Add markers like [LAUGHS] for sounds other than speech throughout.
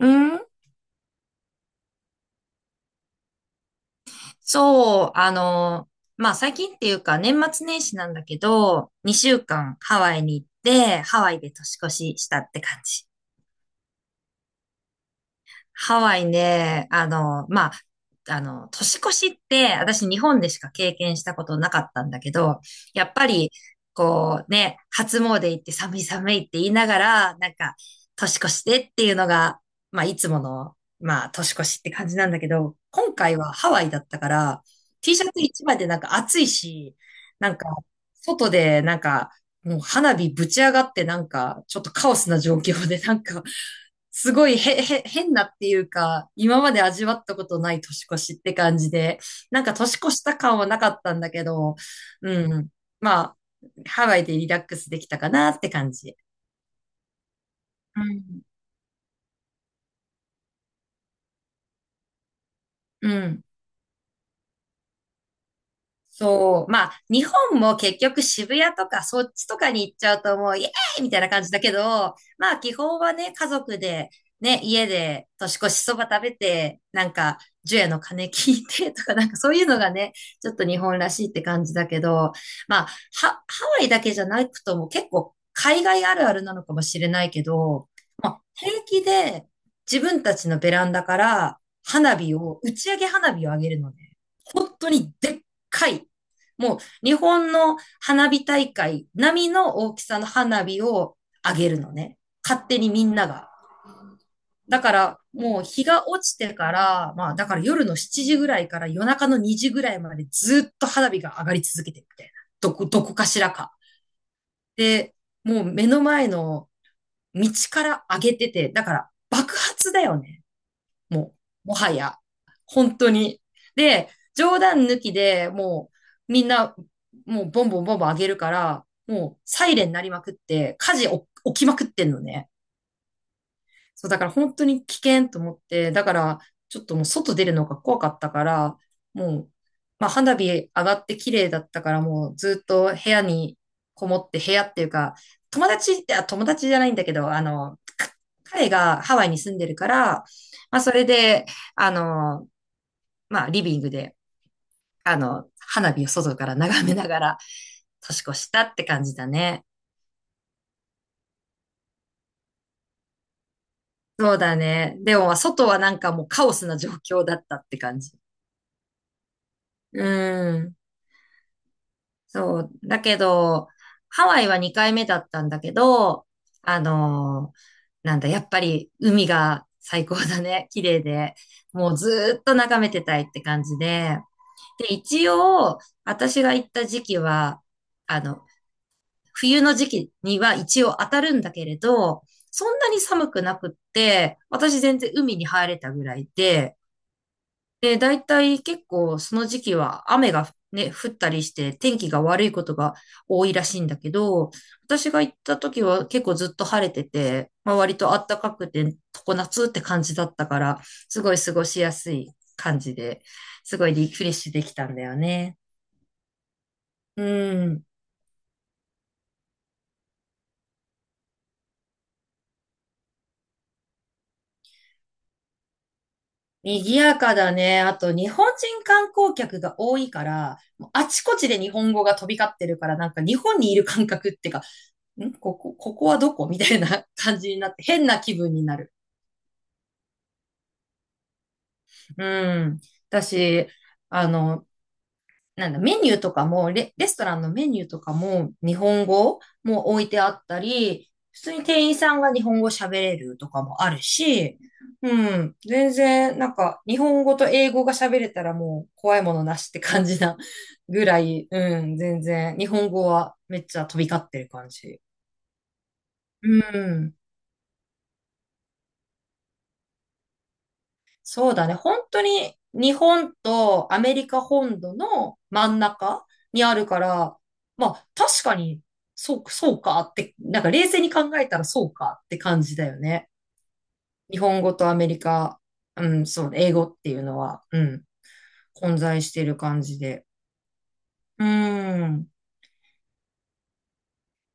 うん、そう、あの、最近っていうか、年末年始なんだけど、2週間ハワイに行って、ハワイで年越ししたって感じ。ハワイね、年越しって、私日本でしか経験したことなかったんだけど、やっぱり、こうね、初詣行って寒い寒いって言いながら、年越してっていうのが、まあ、いつもの、年越しって感じなんだけど、今回はハワイだったから、T シャツ一枚でなんか暑いし、なんか、外でなんか、もう花火ぶち上がってなんか、ちょっとカオスな状況でなんか、すごい変なっていうか、今まで味わったことない年越しって感じで、なんか年越した感はなかったんだけど、うん。まあ、ハワイでリラックスできたかなって感じ。うん。うん。そう。まあ、日本も結局渋谷とかそっちとかに行っちゃうともうイエーイみたいな感じだけど、まあ基本はね、家族で、ね、家で年越しそば食べて、除夜の鐘聞いてとか、なんかそういうのがね、ちょっと日本らしいって感じだけど、まあ、ハ、ハワイだけじゃなくとも結構海外あるあるなのかもしれないけど、まあ、平気で自分たちのベランダから花火を、打ち上げ花火を上げるのね。本当にでっ回、もう日本の花火大会並みの大きさの花火をあげるのね。勝手にみんなが。だからもう日が落ちてから、まあだから夜の7時ぐらいから夜中の2時ぐらいまでずっと花火が上がり続けてるみたいな。どこかしらか。で、もう目の前の道から上げてて、だから爆発だよね。もう、もはや。本当に。で、冗談抜きでもう、みんな、もうボンボンボンボン上げるから、もう、サイレン鳴りまくって、火事お起きまくってんのね。そう、だから本当に危険と思って、だからちょっともう外出るのが怖かったから、もう、まあ花火上がって綺麗だったからもうずっと部屋にこもって部屋っていうか、友達って、友達じゃないんだけど、あの、彼がハワイに住んでるから、まあそれで、あの、まあリビングで、花火を外から眺めながら年越したって感じだね。そうだね。でも、まあ外はなんかもうカオスな状況だったって感じ。うん。そう。だけど、ハワイは2回目だったんだけど、あのーなんだ、やっぱり海が最高だね。[LAUGHS] 綺麗で。もうずーっと眺めてたいって感じで。で、一応、私が行った時期は、あの、冬の時期には一応当たるんだけれど、そんなに寒くなくって、私全然海に入れたぐらいで、で、大体結構その時期は雨がね、降ったりして天気が悪いことが多いらしいんだけど、私が行った時は結構ずっと晴れてて、まあ、割と暖かくて常夏って感じだったから、すごい過ごしやすい感じで、すごいリフレッシュできたんだよね。うん。賑やかだね。あと、日本人観光客が多いから、もうあちこちで日本語が飛び交ってるから、なんか日本にいる感覚ってここはどこみたいな [LAUGHS] 感じになって、変な気分になる。うん。私、あの、なんだ、メニューとかもレ、レストランのメニューとかも、日本語も置いてあったり、普通に店員さんが日本語喋れるとかもあるし、うん、全然、なんか、日本語と英語が喋れたらもう怖いものなしって感じな [LAUGHS] ぐらい、うん、全然、日本語はめっちゃ飛び交ってる感じ。うん。そうだね。本当に日本とアメリカ本土の真ん中にあるから、まあ確かに、そうかって、なんか冷静に考えたらそうかって感じだよね。日本語とアメリカ、うん、そう、英語っていうのは、うん、混在してる感じで。うん、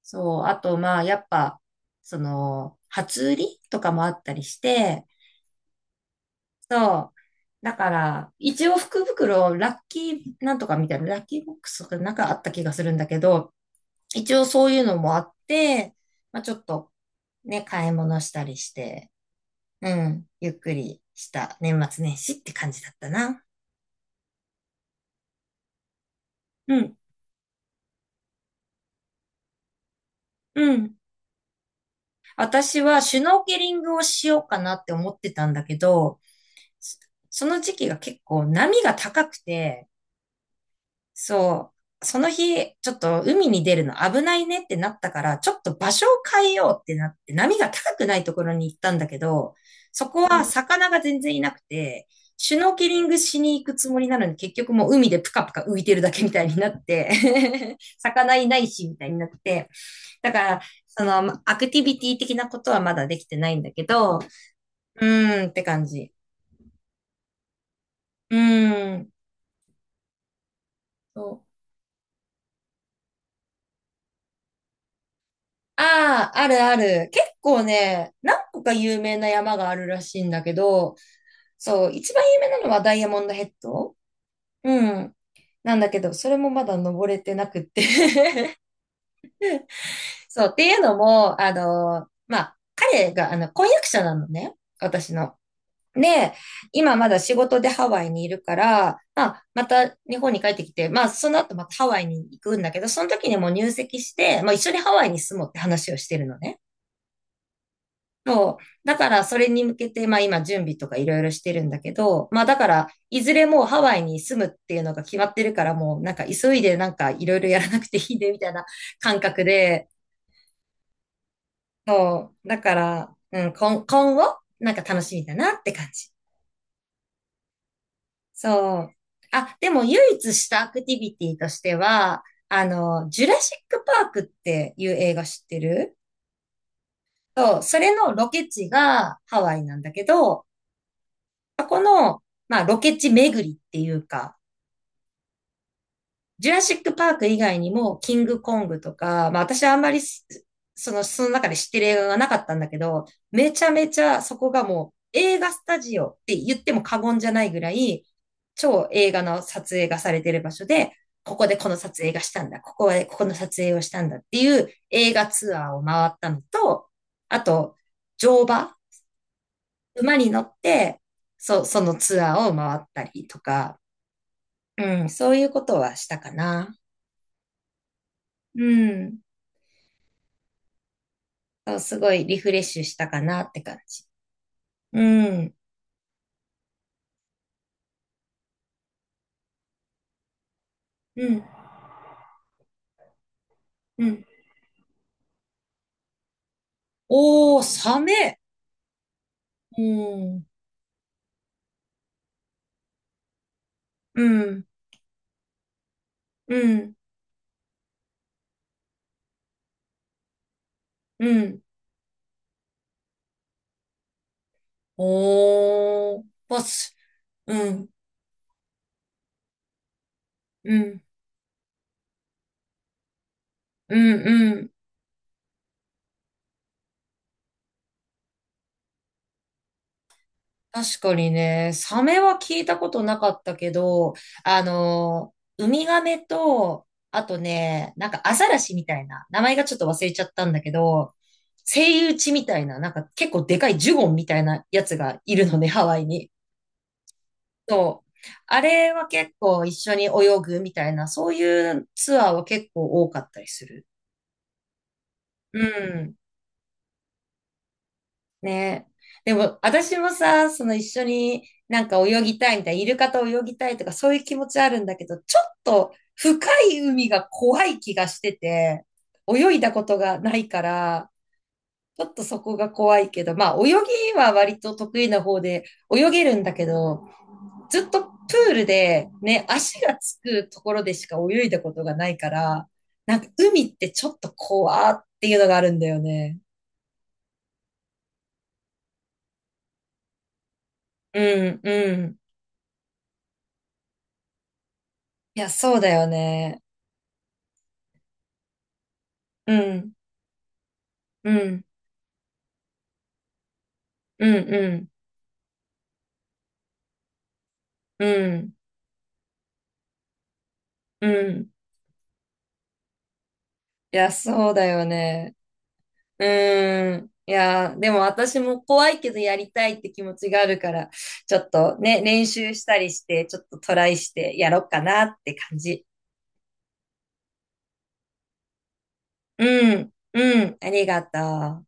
そう。あと、まあやっぱ、その、初売りとかもあったりして、そう。だから、一応福袋、ラッキーなんとかみたいな、ラッキーボックスとかなんかあった気がするんだけど、一応そういうのもあって、まあ、ちょっとね、買い物したりして、うん、ゆっくりした年末年始って感じだったな。うん、うん。私はシュノーケリングをしようかなって思ってたんだけど、そその時期が結構波が高くて、そう。その日、ちょっと海に出るの危ないねってなったから、ちょっと場所を変えようってなって、波が高くないところに行ったんだけど、そこは魚が全然いなくて、シュノーケリングしに行くつもりなのに、結局もう海でプカプカ浮いてるだけみたいになって、[LAUGHS] 魚いないし、みたいになって。だから、その、アクティビティ的なことはまだできてないんだけど、うーんって感じ。うーん。ああ、あるある。結構ね、何個か有名な山があるらしいんだけど、そう、一番有名なのはダイヤモンドヘッドうん。なんだけど、それもまだ登れてなくって [LAUGHS] そう、っていうのも、彼が、婚約者なのね。私の。で、今まだ仕事でハワイにいるから、まあ、また日本に帰ってきて、まあ、その後またハワイに行くんだけど、その時にもう入籍して、まあ、一緒にハワイに住もうって話をしてるのね。そう。だから、それに向けて、まあ今、準備とかいろいろしてるんだけど、まあだから、いずれもうハワイに住むっていうのが決まってるから、もうなんか急いでなんかいろいろやらなくていいね、みたいな [LAUGHS] 感覚で、そう。だから、うん、今、今後、なんか楽しみだなって感じ。そう。あ、でも唯一したアクティビティとしては、ジュラシックパークっていう映画知ってるそう、それのロケ地がハワイなんだけど、そこの、まあ、ロケ地巡りっていうか、ジュラシックパーク以外にも、キングコングとか、まあ、私はあんまりす、その、その中で知ってる映画がなかったんだけど、めちゃめちゃそこがもう、映画スタジオって言っても過言じゃないぐらい、超映画の撮影がされてる場所で、ここでこの撮影がしたんだ、ここでここの撮影をしたんだっていう映画ツアーを回ったのと、あと、乗馬、馬に乗って、そのツアーを回ったりとか、うん、そういうことはしたかな。うん。そうすごいリフレッシュしたかなって感じ。うん。うん、うん。おー、サメ。うん。うん。うん。うん。おー、ボス。うん。うん。うん。うん。確かにね、サメは聞いたことなかったけど、ウミガメと、あとね、なんかアザラシみたいな、名前がちょっと忘れちゃったんだけど、セイウチみたいな、なんか結構でかいジュゴンみたいなやつがいるのね、ハワイに。そう。あれは結構一緒に泳ぐみたいな、そういうツアーは結構多かったりする。うん。ねでも、私もさ、その一緒になんか泳ぎたいみたいな、イルカと泳ぎたいとかそういう気持ちあるんだけど、ちょっと深い海が怖い気がしてて、泳いだことがないから、ちょっとそこが怖いけど、まあ泳ぎは割と得意な方で泳げるんだけど、ずっとプールでね、足がつくところでしか泳いだことがないから、なんか海ってちょっと怖っていうのがあるんだよね。うん、うん。いや、そうだよね。うん、うん、うん、うん、うん、うん。いや、そうだよね。うん。いや、でも私も怖いけどやりたいって気持ちがあるから、ちょっとね、練習したりして、ちょっとトライしてやろうかなって感じ。うん、うん、ありがとう。